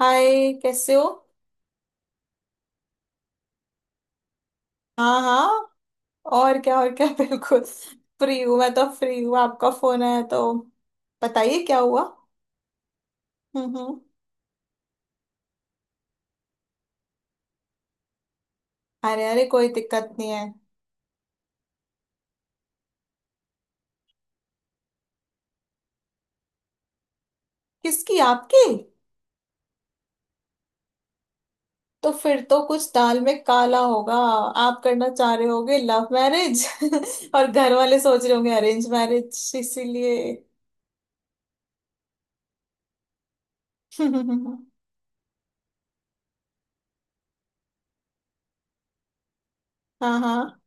हाय। कैसे हो? हाँ हाँ, और क्या, और क्या, बिल्कुल फ्री हूँ। मैं तो फ्री हूँ, आपका फोन आया तो। बताइए क्या हुआ। हम्म। अरे अरे, कोई दिक्कत नहीं है। किसकी, आपकी? तो फिर तो कुछ दाल में काला होगा। आप करना चाह रहे होगे लव मैरिज और घर वाले सोच रहे होंगे अरेंज मैरिज, इसीलिए। हाँ हाँ।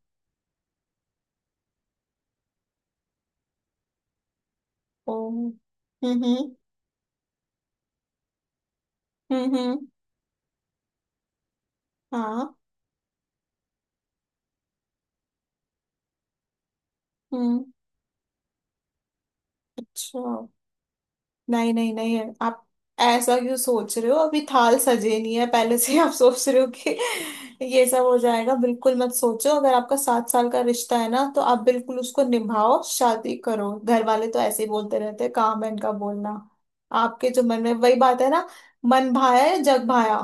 ओ। हम्म। हम्म। हाँ। हम्म। अच्छा। नहीं नहीं नहीं, आप ऐसा क्यों सोच रहे हो? अभी थाल सजे नहीं है, पहले से आप सोच रहे हो कि ये सब हो जाएगा। बिल्कुल मत सोचो। अगर आपका सात साल का रिश्ता है ना तो आप बिल्कुल उसको निभाओ, शादी करो। घर वाले तो ऐसे ही बोलते रहते हैं, काम है इनका बोलना। आपके जो मन में वही बात है ना। मन भाया है जग भाया।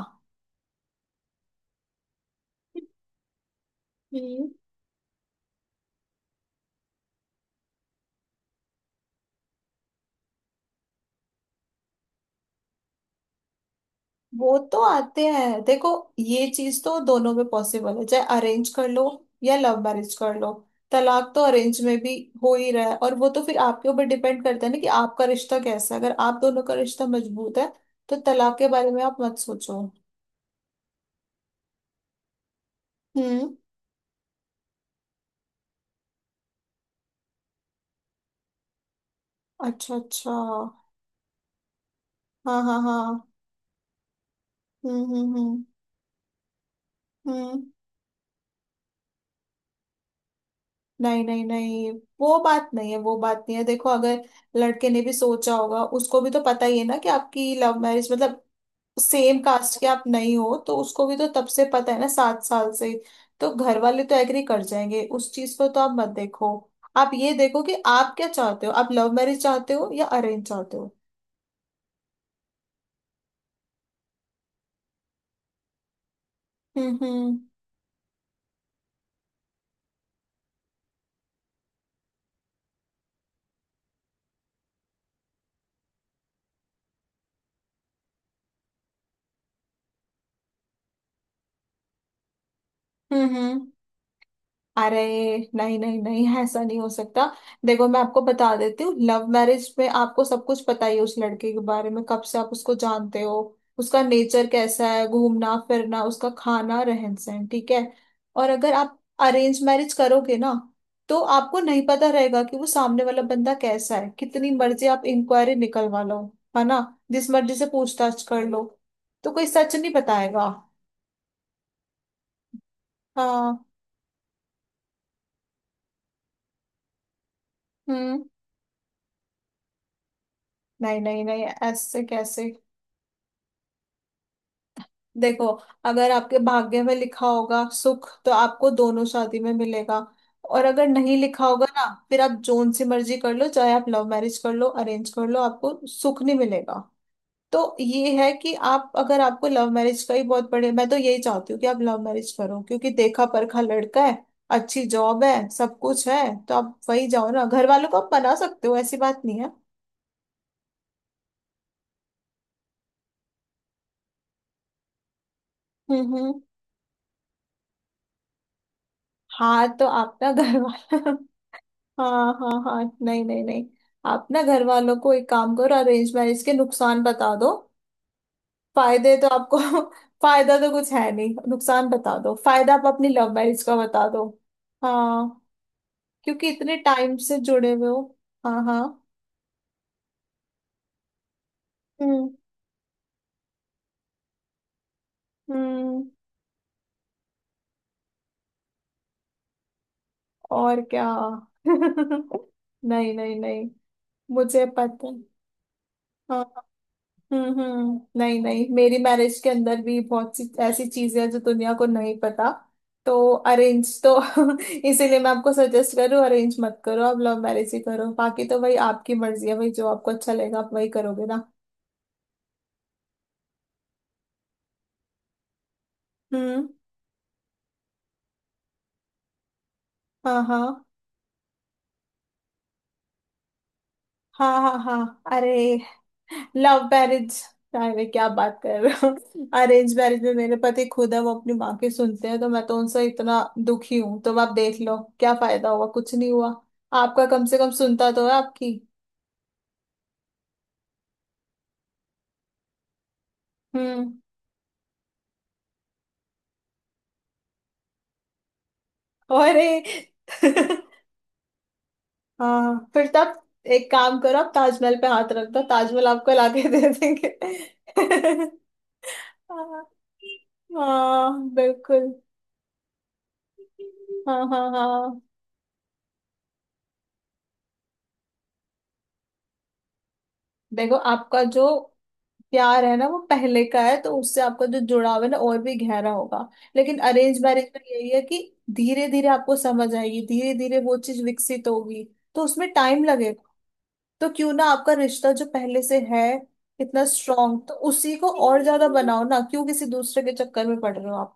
हम्म। वो तो आते हैं देखो, ये चीज तो दोनों में पॉसिबल है, चाहे अरेंज कर लो या लव मैरिज कर लो। तलाक तो अरेंज में भी हो ही रहा है, और वो तो फिर आपके ऊपर डिपेंड करता है ना कि आपका रिश्ता कैसा है। अगर आप दोनों का रिश्ता मजबूत है तो तलाक के बारे में आप मत सोचो। हम्म। अच्छा अच्छा, हाँ। हाँ हाँ। हम्म हम्म हम्म हम्म। नहीं नहीं नहीं, वो बात नहीं है, वो बात नहीं है। देखो, अगर लड़के ने भी सोचा होगा, उसको भी तो पता ही है ना कि आपकी लव मैरिज मतलब सेम कास्ट के आप नहीं हो, तो उसको भी तो तब से पता है ना सात साल से। तो घर वाले तो एग्री कर जाएंगे, उस चीज को तो आप मत देखो। आप ये देखो कि आप क्या चाहते हो, आप लव मैरिज चाहते हो या अरेंज चाहते हो। हम्म हम्म हम्म। अरे नहीं नहीं नहीं, ऐसा नहीं हो सकता। देखो मैं आपको बता देती हूँ, लव मैरिज में आपको सब कुछ पता ही है उस लड़के के बारे में। कब से आप उसको जानते हो, उसका नेचर कैसा है, घूमना फिरना, उसका खाना, रहन सहन, ठीक है। और अगर आप अरेंज मैरिज करोगे ना तो आपको नहीं पता रहेगा कि वो सामने वाला बंदा कैसा है। कितनी मर्जी आप इंक्वायरी निकलवा लो, है ना, जिस मर्जी से पूछताछ कर लो, तो कोई सच नहीं बताएगा। हाँ। हम्म। नहीं नहीं नहीं, ऐसे कैसे। देखो अगर आपके भाग्य में लिखा होगा सुख तो आपको दोनों शादी में मिलेगा, और अगर नहीं लिखा होगा ना फिर आप जोन सी मर्जी कर लो, चाहे आप लव मैरिज कर लो अरेंज कर लो, आपको सुख नहीं मिलेगा। तो ये है कि आप, अगर आपको लव मैरिज का ही बहुत बड़े, मैं तो यही चाहती हूँ कि आप लव मैरिज करो, क्योंकि देखा परखा लड़का है, अच्छी जॉब है, सब कुछ है। तो आप वही जाओ ना, घर वालों को आप बना सकते हो, ऐसी बात नहीं है। हम्म। हाँ तो आप ना घर वाला हाँ हाँ हाँ, नहीं नहीं नहीं, आप ना घर वालों को एक काम करो, अरेंज मैरिज के नुकसान बता दो। फायदे तो आपको फायदा तो कुछ है नहीं, नुकसान बता दो, फायदा आप अपनी लव मैरिज का बता दो। हाँ, क्योंकि इतने टाइम से जुड़े हुए हो। हाँ हाँ। हम्म हम्म। और क्या। नहीं नहीं नहीं, मुझे पता है। हाँ। हम्म। नहीं नहीं, मेरी मैरिज के अंदर भी बहुत सी ऐसी चीजें हैं जो दुनिया को नहीं पता, तो अरेंज तो इसीलिए मैं आपको सजेस्ट करूँ अरेंज मत करो, आप लव मैरिज ही करो। बाकी तो भाई आपकी मर्जी है, भाई जो आपको अच्छा लगेगा आप वही करोगे ना। हम्म। हाँ हाँ हाँ। हाँ हाँ अरे लव मैरिज, अरे क्या बात कर रहे हो। अरेंज मैरिज में मेरे पति खुद है, वो अपनी माँ की सुनते हैं, तो मैं तो उनसे इतना दुखी हूं। तो आप देख लो क्या फायदा हुआ, कुछ नहीं हुआ। आपका कम से कम सुनता तो है आपकी। हम्म। अरे हाँ फिर तब एक काम करो, आप ताजमहल पे हाथ रख दो, ताजमहल आपको लाके दे देंगे। हाँ। हाँ, बिल्कुल। हाँ हाँ हाँ। देखो आपका जो प्यार है ना वो पहले का है, तो उससे आपका जो जुड़ाव है ना और भी गहरा होगा। लेकिन अरेंज मैरिज में यही है कि धीरे धीरे आपको समझ आएगी, धीरे धीरे वो चीज विकसित होगी, तो उसमें टाइम लगेगा। तो क्यों ना आपका रिश्ता जो पहले से है इतना स्ट्रांग, तो उसी को और ज्यादा बनाओ ना, क्यों किसी दूसरे के चक्कर में पड़ रहे हो आप।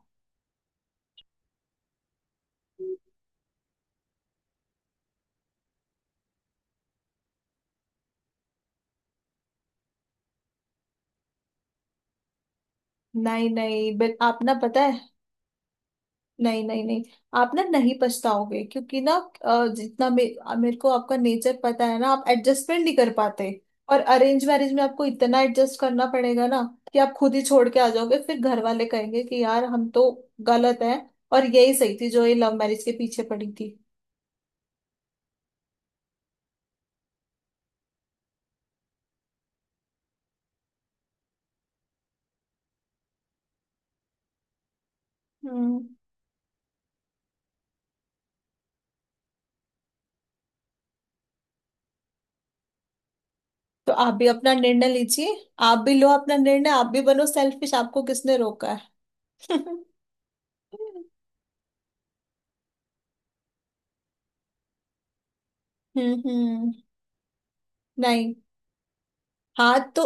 नहीं नहीं, बिल आप ना पता है, नहीं नहीं नहीं, आप ना नहीं पछताओगे, क्योंकि ना अ, जितना मे, मेरे को आपका नेचर पता है ना, आप एडजस्टमेंट नहीं कर पाते। और अरेंज मैरिज में आपको इतना एडजस्ट करना पड़ेगा ना कि आप खुद ही छोड़ के आ जाओगे, फिर घर वाले कहेंगे कि यार हम तो गलत हैं, और यही सही थी जो ये लव मैरिज के पीछे पड़ी थी। हम्म। तो आप भी अपना निर्णय लीजिए, आप भी लो अपना निर्णय, आप भी बनो सेल्फिश, आपको किसने रोका है। हम्म हम्म। नहीं। हाँ तो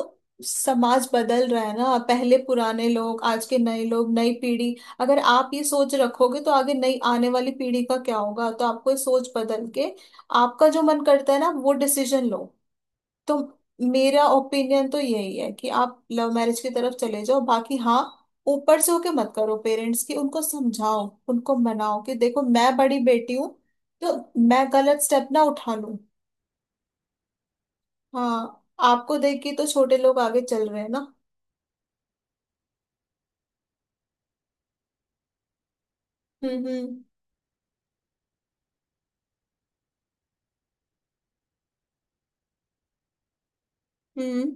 समाज बदल रहा है ना, पहले पुराने लोग, आज के नए लोग, नई पीढ़ी। अगर आप ये सोच रखोगे तो आगे नई आने वाली पीढ़ी का क्या होगा। तो आपको ये सोच बदल के आपका जो मन करता है ना वो डिसीजन लो। तो मेरा ओपिनियन तो यही है कि आप लव मैरिज की तरफ चले जाओ, बाकी हाँ ऊपर से होके मत करो, पेरेंट्स की उनको समझाओ, उनको मनाओ कि देखो मैं बड़ी बेटी हूँ, तो मैं गलत स्टेप ना उठा लूं। हाँ आपको देख के तो छोटे लोग आगे चल रहे हैं ना। हम्म। हम्म।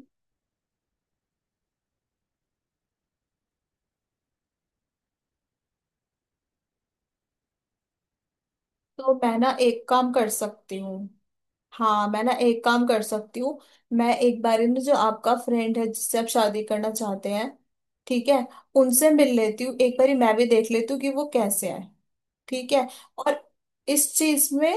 तो मैं ना एक काम कर सकती हूँ, हाँ मैं ना एक काम कर सकती हूँ। मैं एक बार ना जो आपका फ्रेंड है जिससे आप शादी करना चाहते हैं, ठीक है, उनसे मिल लेती हूँ, एक बारी मैं भी देख लेती हूँ कि वो कैसे है, ठीक है। और इस चीज में,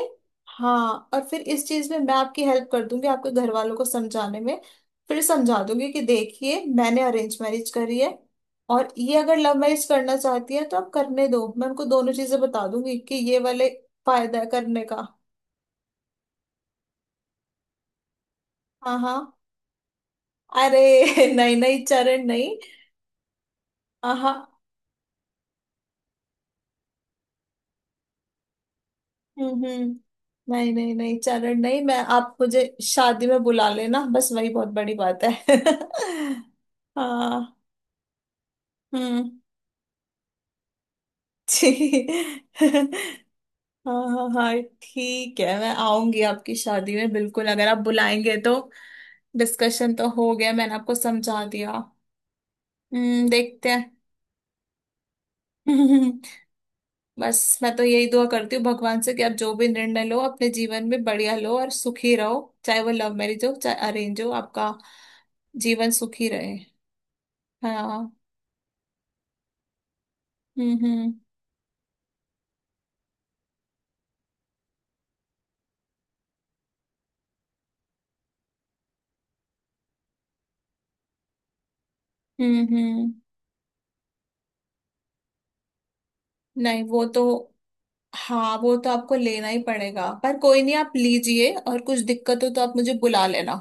हाँ और फिर इस चीज में मैं आपकी हेल्प कर दूंगी आपके घर वालों को समझाने में। फिर समझा दूंगी कि देखिए मैंने अरेंज मैरिज करी है, और ये अगर लव मैरिज करना चाहती है तो आप करने दो। मैं उनको दोनों चीजें बता दूंगी कि ये वाले फायदा है करने का। हाँ हाँ। अरे नहीं नहीं चरण नहीं, हाँ हाँ हम्म, नहीं नहीं नहीं चरण नहीं, मैं आप मुझे शादी में बुला लेना बस, वही बहुत बड़ी बात है। हाँ। हम्म। ठीक। हाँ हाँ हाँ, ठीक है मैं आऊंगी आपकी शादी में बिल्कुल, अगर आप बुलाएंगे तो। डिस्कशन तो हो गया, मैंने आपको समझा दिया। देखते हैं। बस मैं तो यही दुआ करती हूँ भगवान से कि आप जो भी निर्णय लो अपने जीवन में बढ़िया लो और सुखी रहो, चाहे वो लव मैरिज हो चाहे अरेंज हो, आपका जीवन सुखी रहे। हाँ। हम्म। हम्म। नहीं वो तो, हाँ वो तो आपको लेना ही पड़ेगा, पर कोई नहीं आप लीजिए, और कुछ दिक्कत हो तो आप मुझे बुला लेना।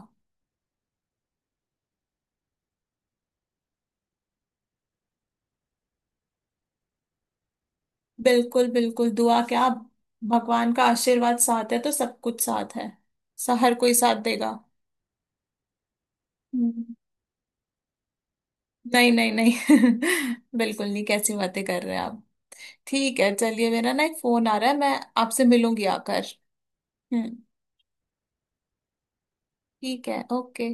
बिल्कुल बिल्कुल, दुआ क्या, आप भगवान का आशीर्वाद साथ है तो सब कुछ साथ है। सा हर कोई साथ देगा। हम्म। नहीं नहीं नहीं, बिल्कुल नहीं, कैसी बातें कर रहे हैं आप। ठीक है चलिए, मेरा ना एक फोन आ रहा है, मैं आपसे मिलूंगी आकर। हम्म। ठीक है, ओके।